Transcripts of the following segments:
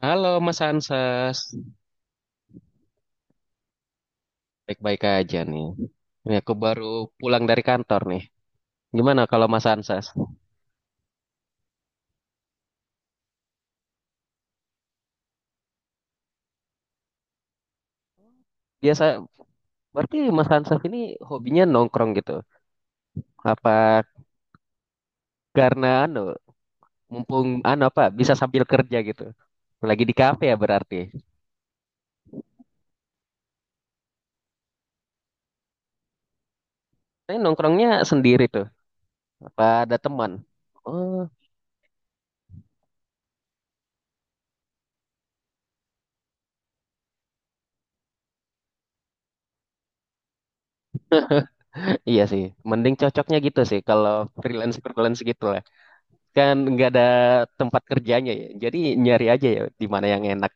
Halo Mas Ansas, baik-baik aja nih. Ini aku baru pulang dari kantor nih. Gimana kalau Mas Ansas? Biasa, berarti Mas Ansas ini hobinya nongkrong gitu. Apa karena anu, mumpung anu apa, bisa sambil kerja gitu. Lagi di kafe ya berarti. Saya nongkrongnya sendiri tuh. Apa ada teman? Oh, iya sih. Mending cocoknya gitu sih kalau freelance freelance gitu lah. Kan nggak ada tempat kerjanya ya. Jadi nyari aja ya di mana yang enak.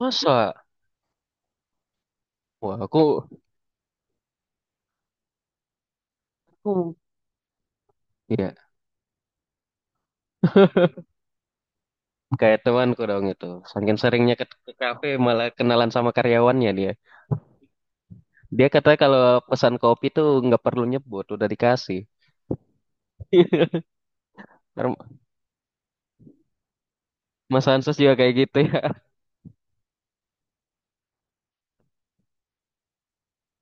Masa? Wah, aku, aku ya kayak temanku dong itu. Saking seringnya ke kafe malah kenalan sama karyawannya dia. Dia katanya kalau pesan kopi tuh nggak perlu nyebut, udah dikasih. Ntar Mas Hanses juga kayak gitu ya.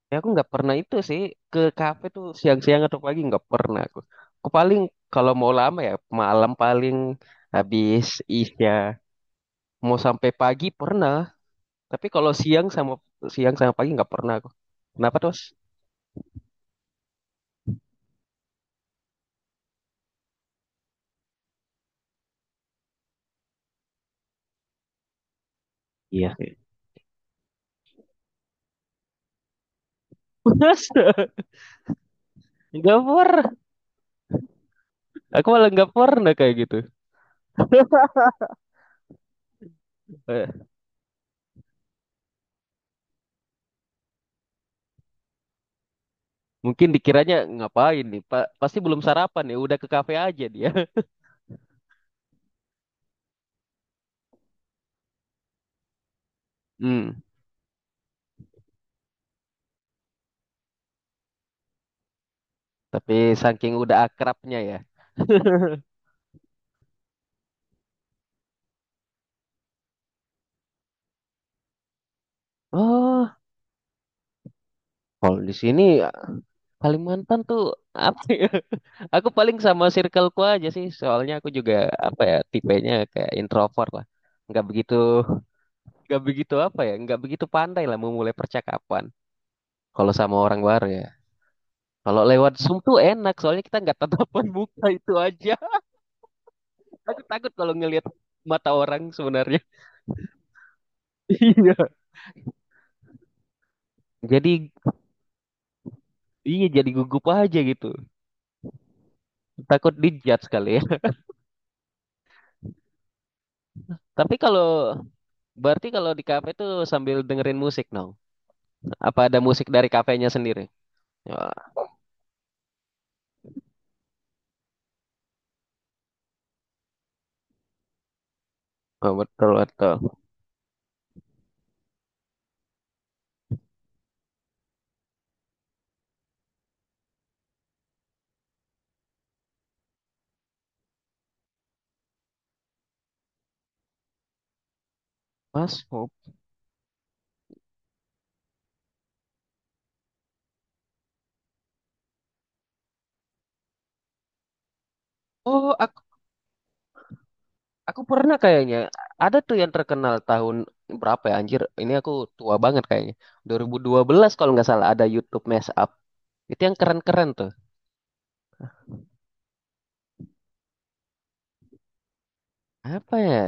Ya aku nggak pernah itu sih, ke kafe tuh siang-siang atau pagi nggak pernah aku. Aku paling kalau mau lama ya malam, paling habis isya mau sampai pagi pernah. Tapi kalau siang sama pagi nggak pernah aku. Kenapa tuh, Mas? Iya sih. Nggak pernah. Aku malah nggak pernah kayak gitu. Eh, Mungkin dikiranya ngapain nih, Pak? Pasti belum sarapan ya, udah ke kafe aja dia. Hmm, tapi saking udah akrabnya ya. Oh, kalau di sini Kalimantan tuh apa ya? Aku paling sama circleku aja sih, soalnya aku juga apa ya, tipenya kayak introvert lah. Nggak begitu, nggak begitu apa ya, nggak begitu pandai lah memulai percakapan. Kalau sama orang baru ya. Kalau lewat Zoom tuh enak, soalnya kita nggak tatapan muka itu aja. Aku takut kalau ngelihat mata orang sebenarnya. Iya. Jadi iya jadi gugup aja gitu. Takut dijudge kali ya. Tapi kalau Berarti kalau di kafe tuh sambil dengerin musik dong. No? Apa ada musik dari kafenya sendiri? Ya, oh, betul betul. Mas, oh, oh, aku pernah kayaknya. Ada tuh yang terkenal tahun berapa ya anjir? Ini aku tua banget kayaknya. 2012 kalau nggak salah ada YouTube Mashup. Itu yang keren-keren tuh. Apa ya?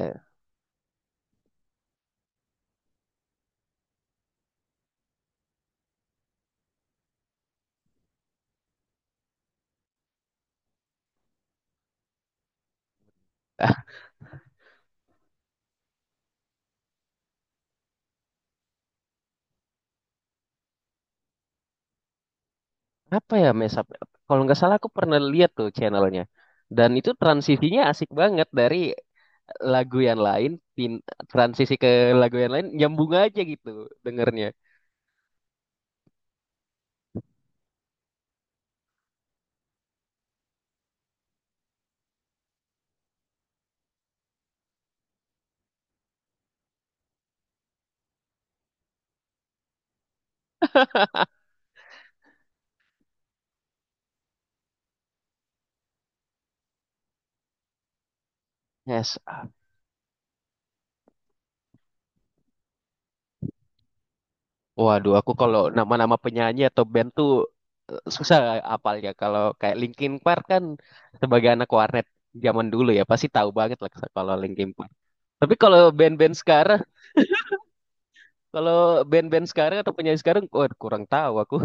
Apa ya, mesap, kalau nggak salah aku pernah lihat tuh channelnya, dan itu transisinya asik banget dari lagu yang lain, pin- transisi ke lagu yang lain, nyambung aja gitu dengernya. Yes. Waduh, aku kalau nama-nama penyanyi atau band tuh susah apalnya. Kalau kayak Linkin Park kan, sebagai anak warnet zaman dulu ya, pasti tahu banget lah kalau Linkin Park. Tapi kalau band-band sekarang, kalau band-band sekarang atau penyanyi sekarang, oh, kurang tahu aku.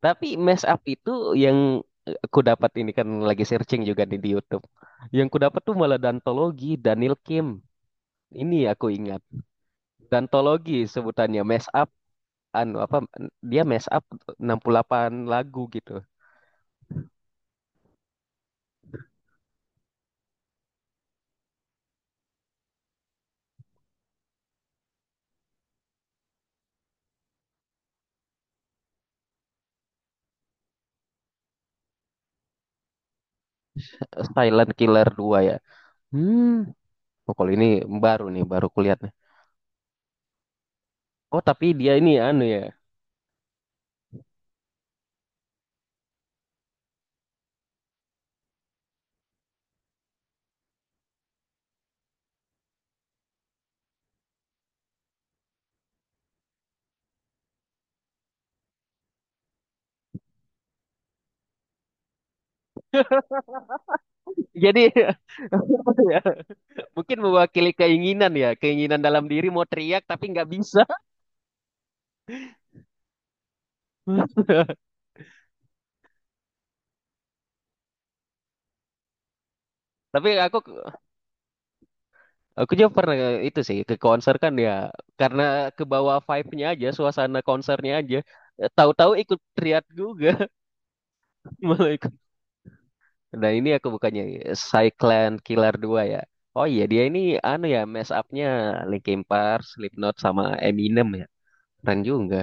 Tapi mess up itu yang aku dapat, ini kan lagi searching juga nih di YouTube. Yang ku dapat tuh malah Dantologi, Daniel Kim. Ini aku ingat. Dantologi sebutannya mess up, anu apa, dia mess up 68 lagu gitu. Silent Killer 2 ya. Hmm, oh, kalau ini baru nih, baru kulihat nih. Oh, tapi dia ini anu ya. Jadi apa ya, mungkin mewakili keinginan ya, keinginan dalam diri mau teriak tapi nggak bisa. Tapi aku juga pernah itu sih, ke konser kan ya, karena ke bawah vibe-nya aja, suasana konsernya aja. Eh, tahu-tahu ikut triad juga malah ikut. Nah ini aku bukannya Cyclan Killer 2 ya. Oh iya dia ini anu ya, mess up-nya Linkin Park, Slipknot sama Eminem ya. Keren juga.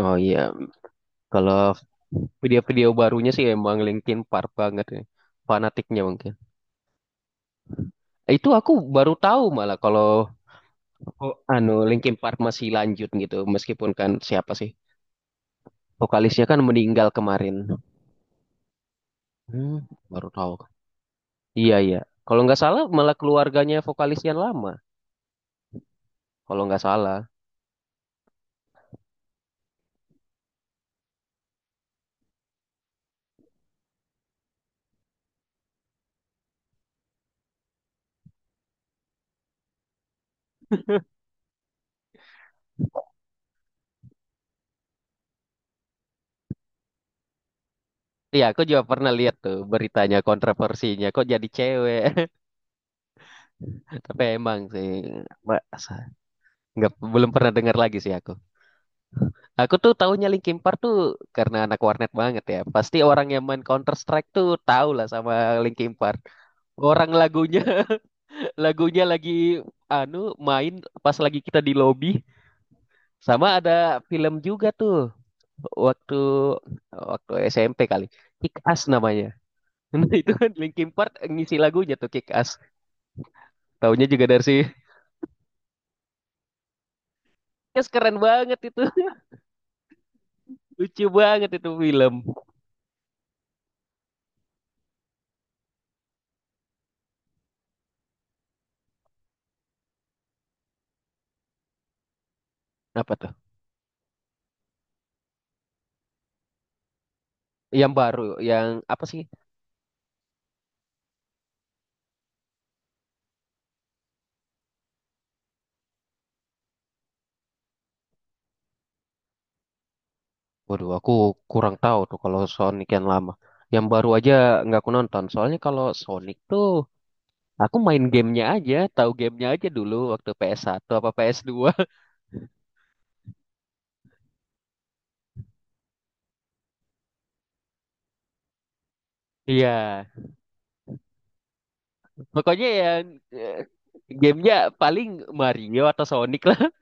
Oh iya, kalau video-video barunya sih emang Linkin Park banget ya. Fanatiknya mungkin. Itu aku baru tahu malah kalau, oh, anu, Linkin Park masih lanjut gitu meskipun kan siapa sih, vokalisnya kan meninggal kemarin. Hmm, baru tahu. Iya, iya. Kalau nggak salah malah keluarganya vokalis yang lama. Kalau nggak salah. Iya, aku juga pernah lihat tuh beritanya, kontroversinya. Kok jadi cewek? Tapi emang sih, masa nggak, belum pernah dengar lagi sih aku. Aku tuh tahunya Linkin Park tuh karena anak warnet banget ya. Pasti orang yang main Counter Strike tuh tahu lah sama Linkin Park. Orang lagunya lagunya lagi anu main, pas lagi kita di lobby. Sama ada film juga tuh waktu waktu SMP kali, Kick Ass namanya. Nah itu kan Linkin Park ngisi lagunya tuh Kick Ass, taunya juga dari si Kick, keren banget itu. Lucu banget itu film. Apa tuh, yang baru, yang apa sih, waduh, aku kurang tahu tuh kalau Sonic yang lama. Yang baru aja nggak aku nonton, soalnya kalau Sonic tuh aku main gamenya aja, tahu gamenya aja dulu waktu PS 1 apa PS 2. Iya, pokoknya yang eh, gamenya paling Mario atau Sonic lah.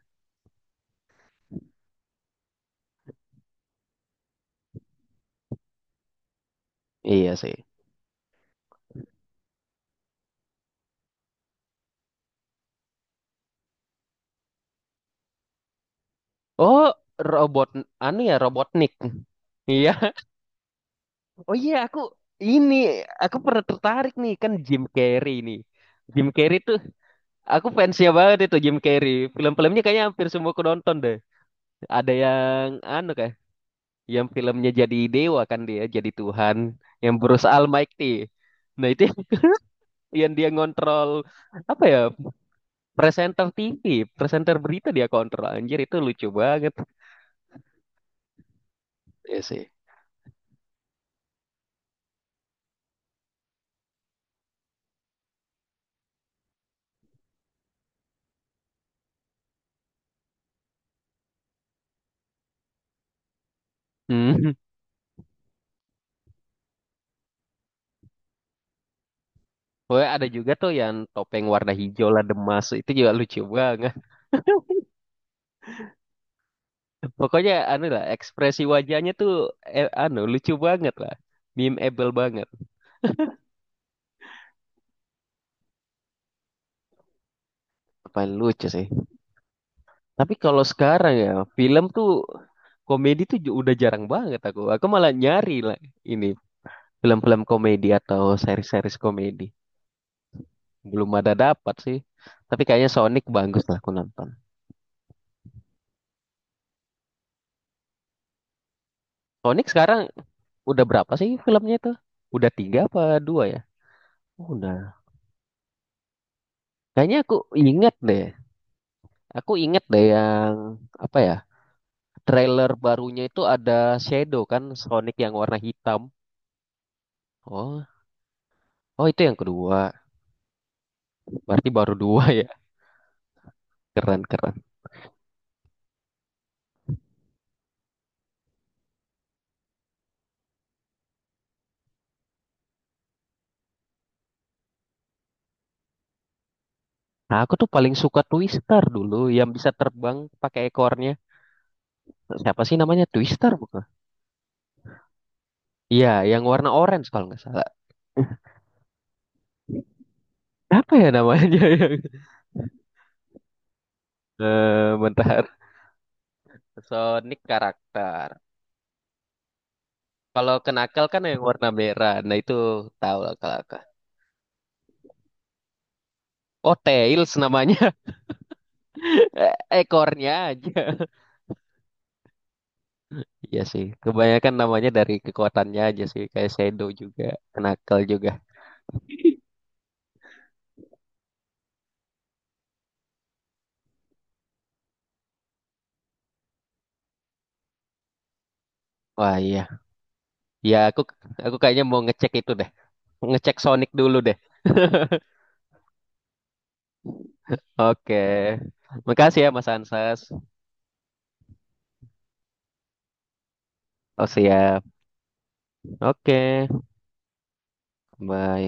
Iya sih. Oh, robot, anu ya, Robotnik. Iya. Oh iya, ini aku pernah tertarik nih kan Jim Carrey nih. Jim Carrey tuh aku fansnya banget, itu Jim Carrey. Film-filmnya kayaknya hampir semua aku nonton deh. Ada yang anu kah? Yang filmnya jadi dewa kan dia, jadi Tuhan, yang Bruce Almighty. Nah, itu yang dia ngontrol apa ya? Presenter TV, presenter berita dia kontrol. Anjir, itu lucu banget. Iya sih. Hmm. Pokoknya ada juga tuh yang topeng warna hijau lah demas, itu juga lucu banget. Pokoknya anu lah, ekspresi wajahnya tuh anu, lucu banget lah. Memeable banget. Paling lucu sih. Tapi kalau sekarang ya, film tuh komedi tuh udah jarang banget aku. Aku malah nyari lah ini film-film komedi atau series-series komedi. Belum ada dapat sih. Tapi kayaknya Sonic bagus lah aku nonton. Sonic sekarang udah berapa sih filmnya tuh? Udah tiga apa dua ya? Oh, udah. Kayaknya aku inget deh. Aku inget deh yang apa ya? Trailer barunya itu ada Shadow kan, Sonic yang warna hitam. Oh, oh itu yang kedua. Berarti baru dua ya. Keren keren. Nah, aku tuh paling suka Twister dulu, yang bisa terbang pakai ekornya. Siapa sih namanya, Twister bukan? Iya, yang warna orange kalau nggak salah. Apa ya namanya yang? Eh, bentar. Sonic karakter. Kalau kenakal kan yang warna merah. Nah itu tahu lah kalau, oh, Tails namanya. Eh, ekornya aja. Iya sih, kebanyakan namanya dari kekuatannya aja sih, kayak Shadow juga, Knuckle juga. Wah iya, ya aku kayaknya mau ngecek itu deh, ngecek Sonic dulu deh. Oke, makasih ya Mas Ansas. Oh siap, oke, bye.